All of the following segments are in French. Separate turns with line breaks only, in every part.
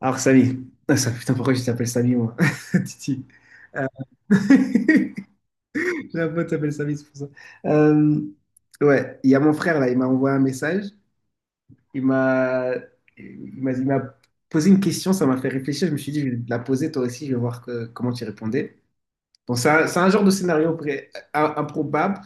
Alors, Samy. Ah, ça, putain, pourquoi je t'appelle Samy, moi? Titi. Euh, J'ai un pote qui s'appelle Samy, c'est pour ça. Euh, Ouais, il y a mon frère, là, il m'a envoyé un message. Il m'a il m'a posé une question, ça m'a fait réfléchir. Je me suis dit, je vais te la poser toi aussi, je vais voir comment tu répondais. Bon, c'est un genre de scénario improbable,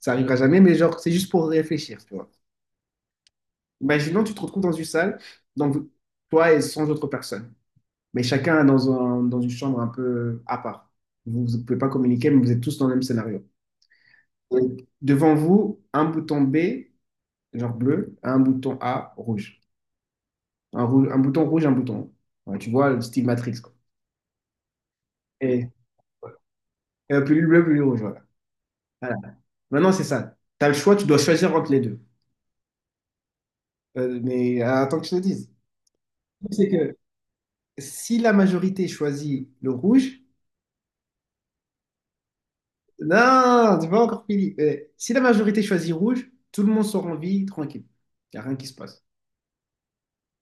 ça arrivera jamais, mais genre, c'est juste pour réfléchir, tu vois. Imaginons, tu te retrouves dans une salle, donc toi et sans autres personnes. Mais chacun est dans dans une chambre un peu à part. Vous ne pouvez pas communiquer, mais vous êtes tous dans le même scénario. Et devant vous, un bouton B, genre bleu, un bouton A, rouge. Un, rouge, un bouton rouge, un bouton. Ouais, tu vois, le style Matrix, quoi. Et, et plus bleu, plus rouge, voilà. Voilà. Maintenant, c'est ça. Tu as le choix, tu dois choisir entre les deux. Mais attends que je te dise. Le truc, c'est que si la majorité choisit le rouge, non, tu pas encore fini. Si la majorité choisit rouge, tout le monde sort en vie, tranquille. Il n'y a rien qui se passe.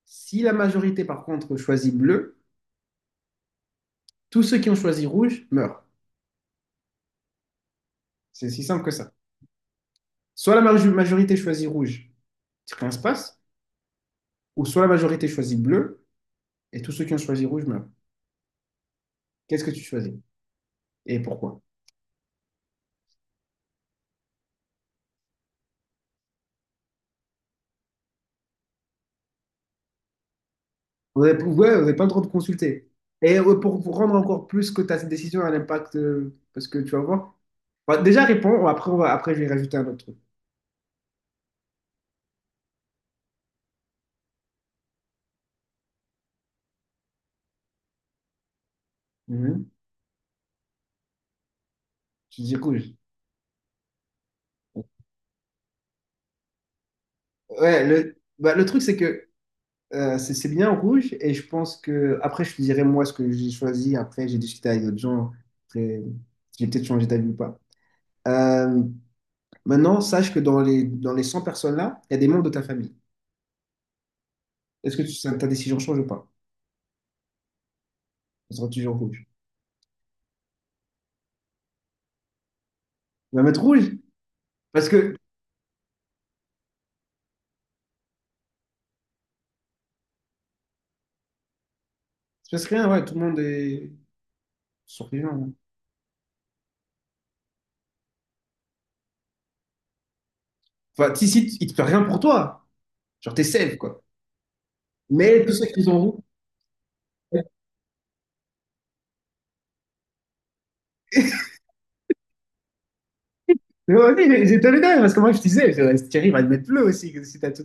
Si la majorité, par contre, choisit bleu, tous ceux qui ont choisi rouge meurent. C'est si simple que ça. Soit la majorité choisit rouge, rien ne se passe, ou soit la majorité choisit bleu, et tous ceux qui ont choisi rouge meurent. Qu'est-ce que tu choisis? Et pourquoi? Vous n'avez ouais, pas le droit de consulter. Et pour rendre encore plus que ta décision a l'impact, parce que tu vas voir. Bah, déjà, réponds, après, après, je vais rajouter un autre truc. Mhm. Je dis rouge. Ouais, le, bah, le truc, c'est que c'est bien rouge et je pense que après je te dirai moi ce que j'ai choisi. Après j'ai discuté avec d'autres gens. Après j'ai peut-être changé d'avis ou pas. Euh, Maintenant sache que dans les 100 personnes là, il y a des membres de ta famille. Est-ce que ta décision change ou pas? Ça sera toujours rouge. On va mettre rouge parce que ça se passe rien. Ouais, tout le monde est survivant, hein. Enfin si il te fait rien pour toi. Genre t'es safe quoi. Mais tous ceux qui ont rouge. Mais ouais, mais j'étais le dernier parce que moi je te disais, Thierry va le mettre bleu aussi si t'as tout.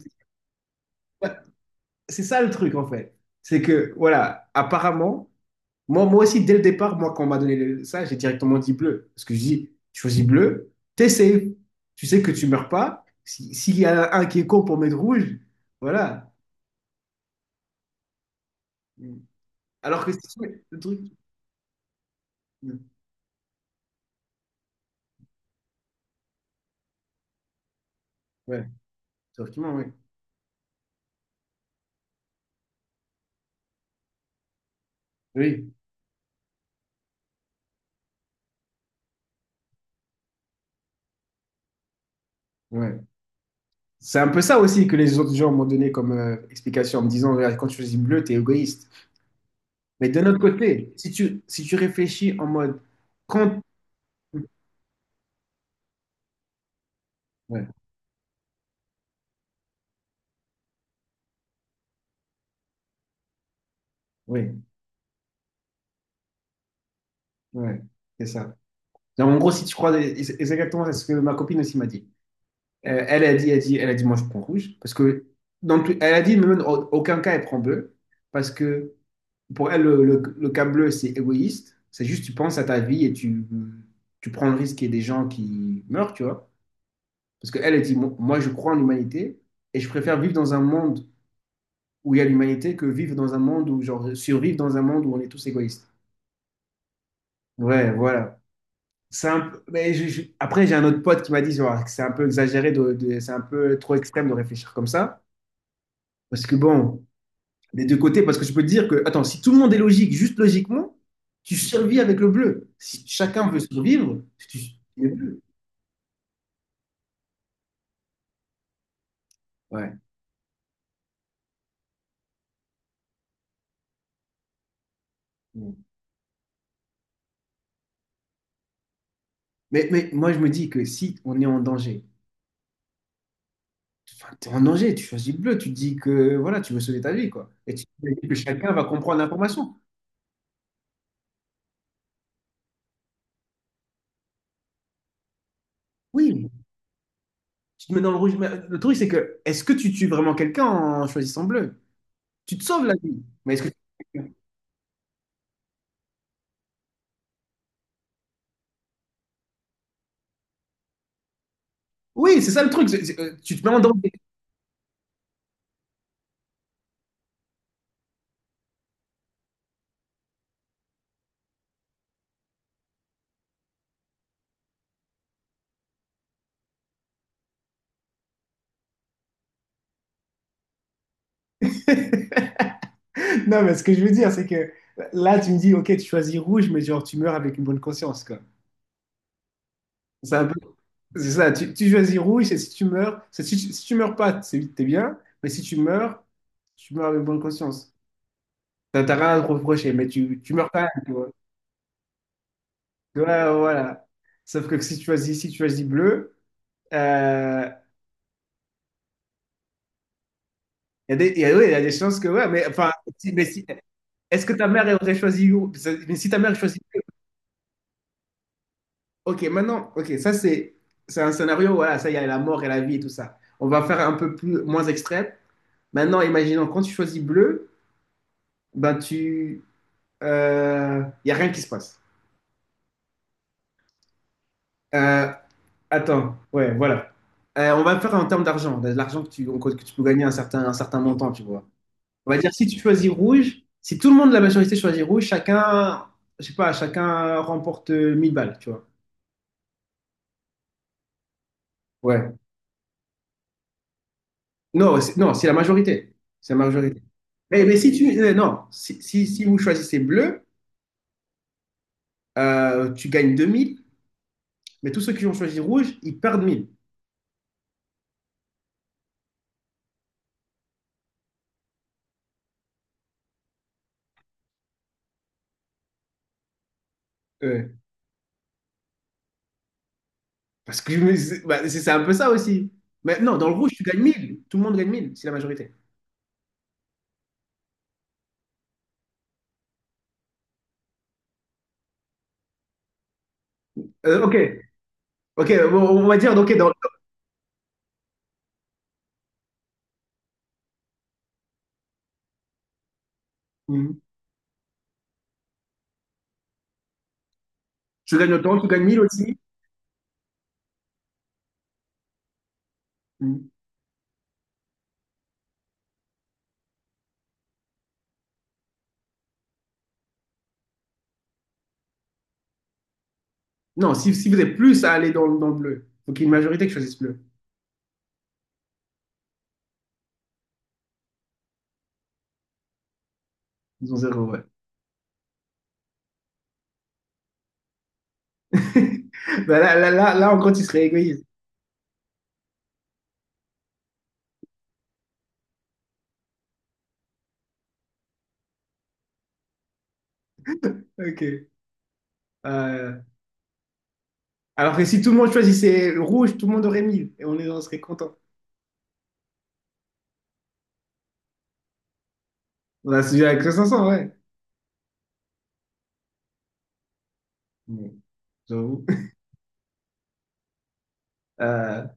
C'est ça le truc en fait. C'est que, voilà, apparemment, moi, aussi, dès le départ, moi, quand on m'a donné ça, j'ai directement dit bleu. Parce que je dis, tu choisis bleu, t'es safe. Tu sais que tu meurs pas. S'il y en a un qui est con pour mettre rouge, voilà. Alors que c'est le truc. Ouais, théoriquement, oui. Oui, ouais. C'est un peu ça aussi que les autres gens m'ont donné comme explication en me disant, regarde, quand tu choisis bleu, t'es égoïste. Mais d'un autre côté, si tu réfléchis en mode, quand. Ouais, oui. Ouais, c'est ça. Donc, en gros, si tu crois, et c'est exactement ce que ma copine aussi m'a dit. Elle a dit, moi je prends rouge parce que elle a dit, même en aucun cas elle prend bleu parce que pour elle le cas bleu c'est égoïste. C'est juste tu penses à ta vie et tu prends le risque qu'il y ait des gens qui meurent, tu vois. Parce qu'elle a dit, moi, je crois en l'humanité et je préfère vivre dans un monde où il y a l'humanité que vivre dans un monde où genre survivre dans un monde où on est tous égoïstes. Ouais, voilà. c'est un peu- mais je- Après, j'ai un autre pote qui m'a dit genre, que c'est un peu exagéré, c'est un peu trop extrême de réfléchir comme ça. Parce que bon, des deux côtés, parce que je peux te dire que, attends, si tout le monde est logique, juste logiquement, tu survis avec le bleu. Si chacun veut survivre, tu survis avec le bleu. Ouais. Mm. Mais moi, je me dis que si on est en danger, enfin, t'es en danger, tu choisis le bleu, tu te dis que voilà, tu veux sauver ta vie, quoi. Et tu te dis que chacun va comprendre l'information. Oui, tu te mets dans le rouge. Mais le truc, c'est que, est-ce que tu tues vraiment quelqu'un en choisissant bleu? Tu te sauves la vie. Mais est-ce que... Oui, c'est ça le truc. Tu te mets en danger. Non, mais ce que je veux dire, c'est que là, tu me dis, ok, tu choisis rouge, mais genre, tu meurs avec une bonne conscience, quoi. C'est un peu... C'est ça, tu choisis rouge, et si tu meurs, si tu meurs pas, c'est t'es bien, mais si tu meurs, tu meurs avec bonne conscience. T'as rien à te reprocher, mais tu meurs quand même, tu vois. Ouais, voilà. Sauf que si tu choisis, si tu choisis bleu, euh, il y a des, il y a- ouais, il y a des chances que, ouais, mais enfin, mais si, est-ce que ta mère aurait choisi où? Mais si ta mère choisit, ok, maintenant, ok, ça c'est un scénario, voilà, ça il y a la mort et la vie et tout ça. On va faire un peu plus moins extrême. Maintenant, imaginons quand tu choisis bleu, ben tu, il y a rien qui se passe. Euh, Attends, ouais, voilà. On va faire en termes d'argent, de l'argent que tu peux gagner un certain montant, tu vois. On va dire si tu choisis rouge, si tout le monde de la majorité choisit rouge, chacun, je sais pas, chacun remporte 1000 balles, tu vois. Ouais. Non, non, c'est la majorité. C'est la majorité. Mais si tu. Non, si, si vous choisissez bleu, tu gagnes 2000, mais tous ceux qui ont choisi rouge, ils perdent 1000. Ouais. parce que je me- c'est bah, c'est un peu ça aussi. Mais non, dans le rouge, tu gagnes 1000. Tout le monde gagne 1000. C'est la majorité. Euh, ok, ok, bon, on va dire, ok, dans, Mhm. Tu gagnes autant, tu gagnes 1000 aussi. Mhm. Non, si, si vous êtes plus à aller dans le bleu, faut qu'il y ait une majorité qui choisisse bleu. Ils ont zéro, ouais. Bah, là, en gros, tu serais égoïste. Ok. Euh, alors que si tout le monde choisissait le rouge, tout le monde aurait 1000 et on serait content. On a suivi avec 500, ouais. Bon, j'avoue. Euh...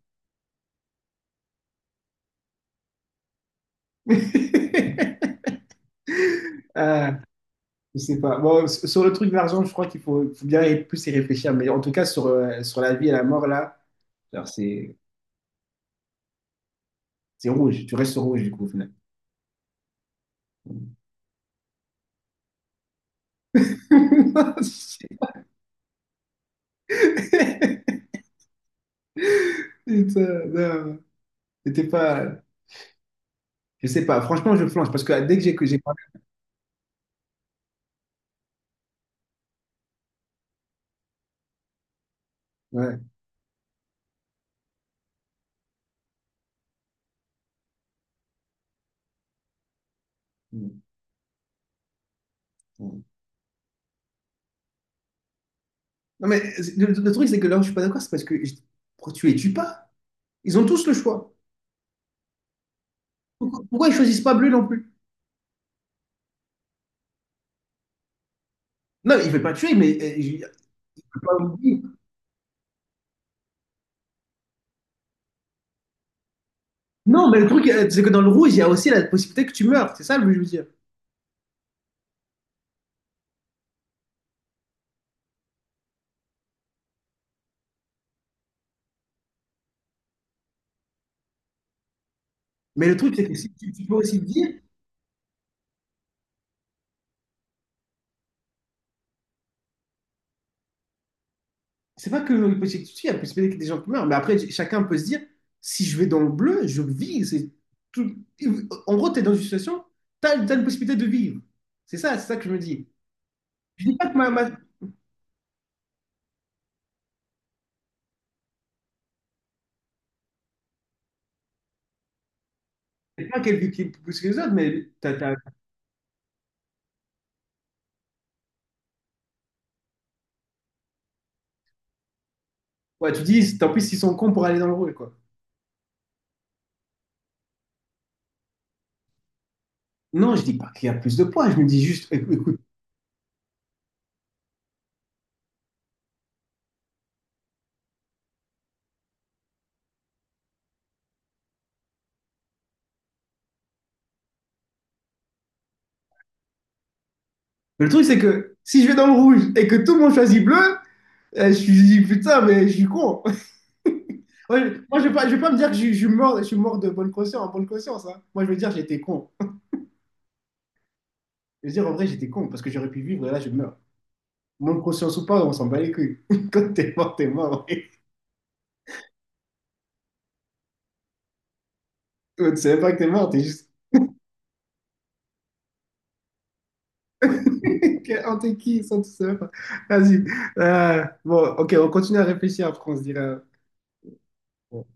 Euh, je sais pas. Bon, sur le truc de l'argent, je crois qu'il faut, faut bien plus y réfléchir. Mais en tout cas, sur la vie et la mort, là, alors c'est rouge. Tu restes sur rouge, du coup, au final. Putain, non. C'était pas. Je sais pas. Franchement, je flanche parce que dès que j'ai parlé. Ouais. Mm, mm. Non, mais le truc, c'est que là où je suis pas d'accord, c'est parce que pourquoi tu les tues pas? Ils ont tous le choix. Pourquoi ils choisissent pas bleu non plus? Non, il ne veut pas tuer, mais je peux pas oublier. Non, mais le truc, c'est que dans le rouge, il y a aussi la possibilité que tu meurs. C'est ça le je veux dire. Mais le truc, c'est que si tu, tu peux aussi te dire, c'est pas que la possibilité que tu tues, il y a la possibilité que des gens qui meurent. Mais après, chacun peut se dire, si je vais dans le bleu, je vis. C'est tout. En gros, tu es dans une situation, tu as, une possibilité de vivre. C'est ça, que je me dis. Je dis pas que ma- c'est pas qu'elle vit plus que les autres, mais tu as, ouais, tu dis, tant pis s'ils sont cons pour aller dans le rouge, quoi. Non, je dis pas qu'il y a plus de points, je me dis juste, écoute. Mais le truc, c'est que si je vais dans le rouge et que tout le monde choisit bleu, je dis, putain, mais je suis con. Ouais, je vais pas me dire que je suis mort de bonne conscience, en bonne conscience, hein. Moi, je veux dire, j'étais con. Je veux dire, en vrai, j'étais con parce que j'aurais pu vivre et là, je meurs. Bonne conscience ou pas, on s'en bat les couilles. Quand t'es mort, t'es mort, ouais. Toi, tu savais pas que t'es mort, t'es juste. Quel- Oh, t'es qui? Ça, tu savais pas. Vas-y. Bon, ok, on continue à réfléchir après, on se dira. Bon.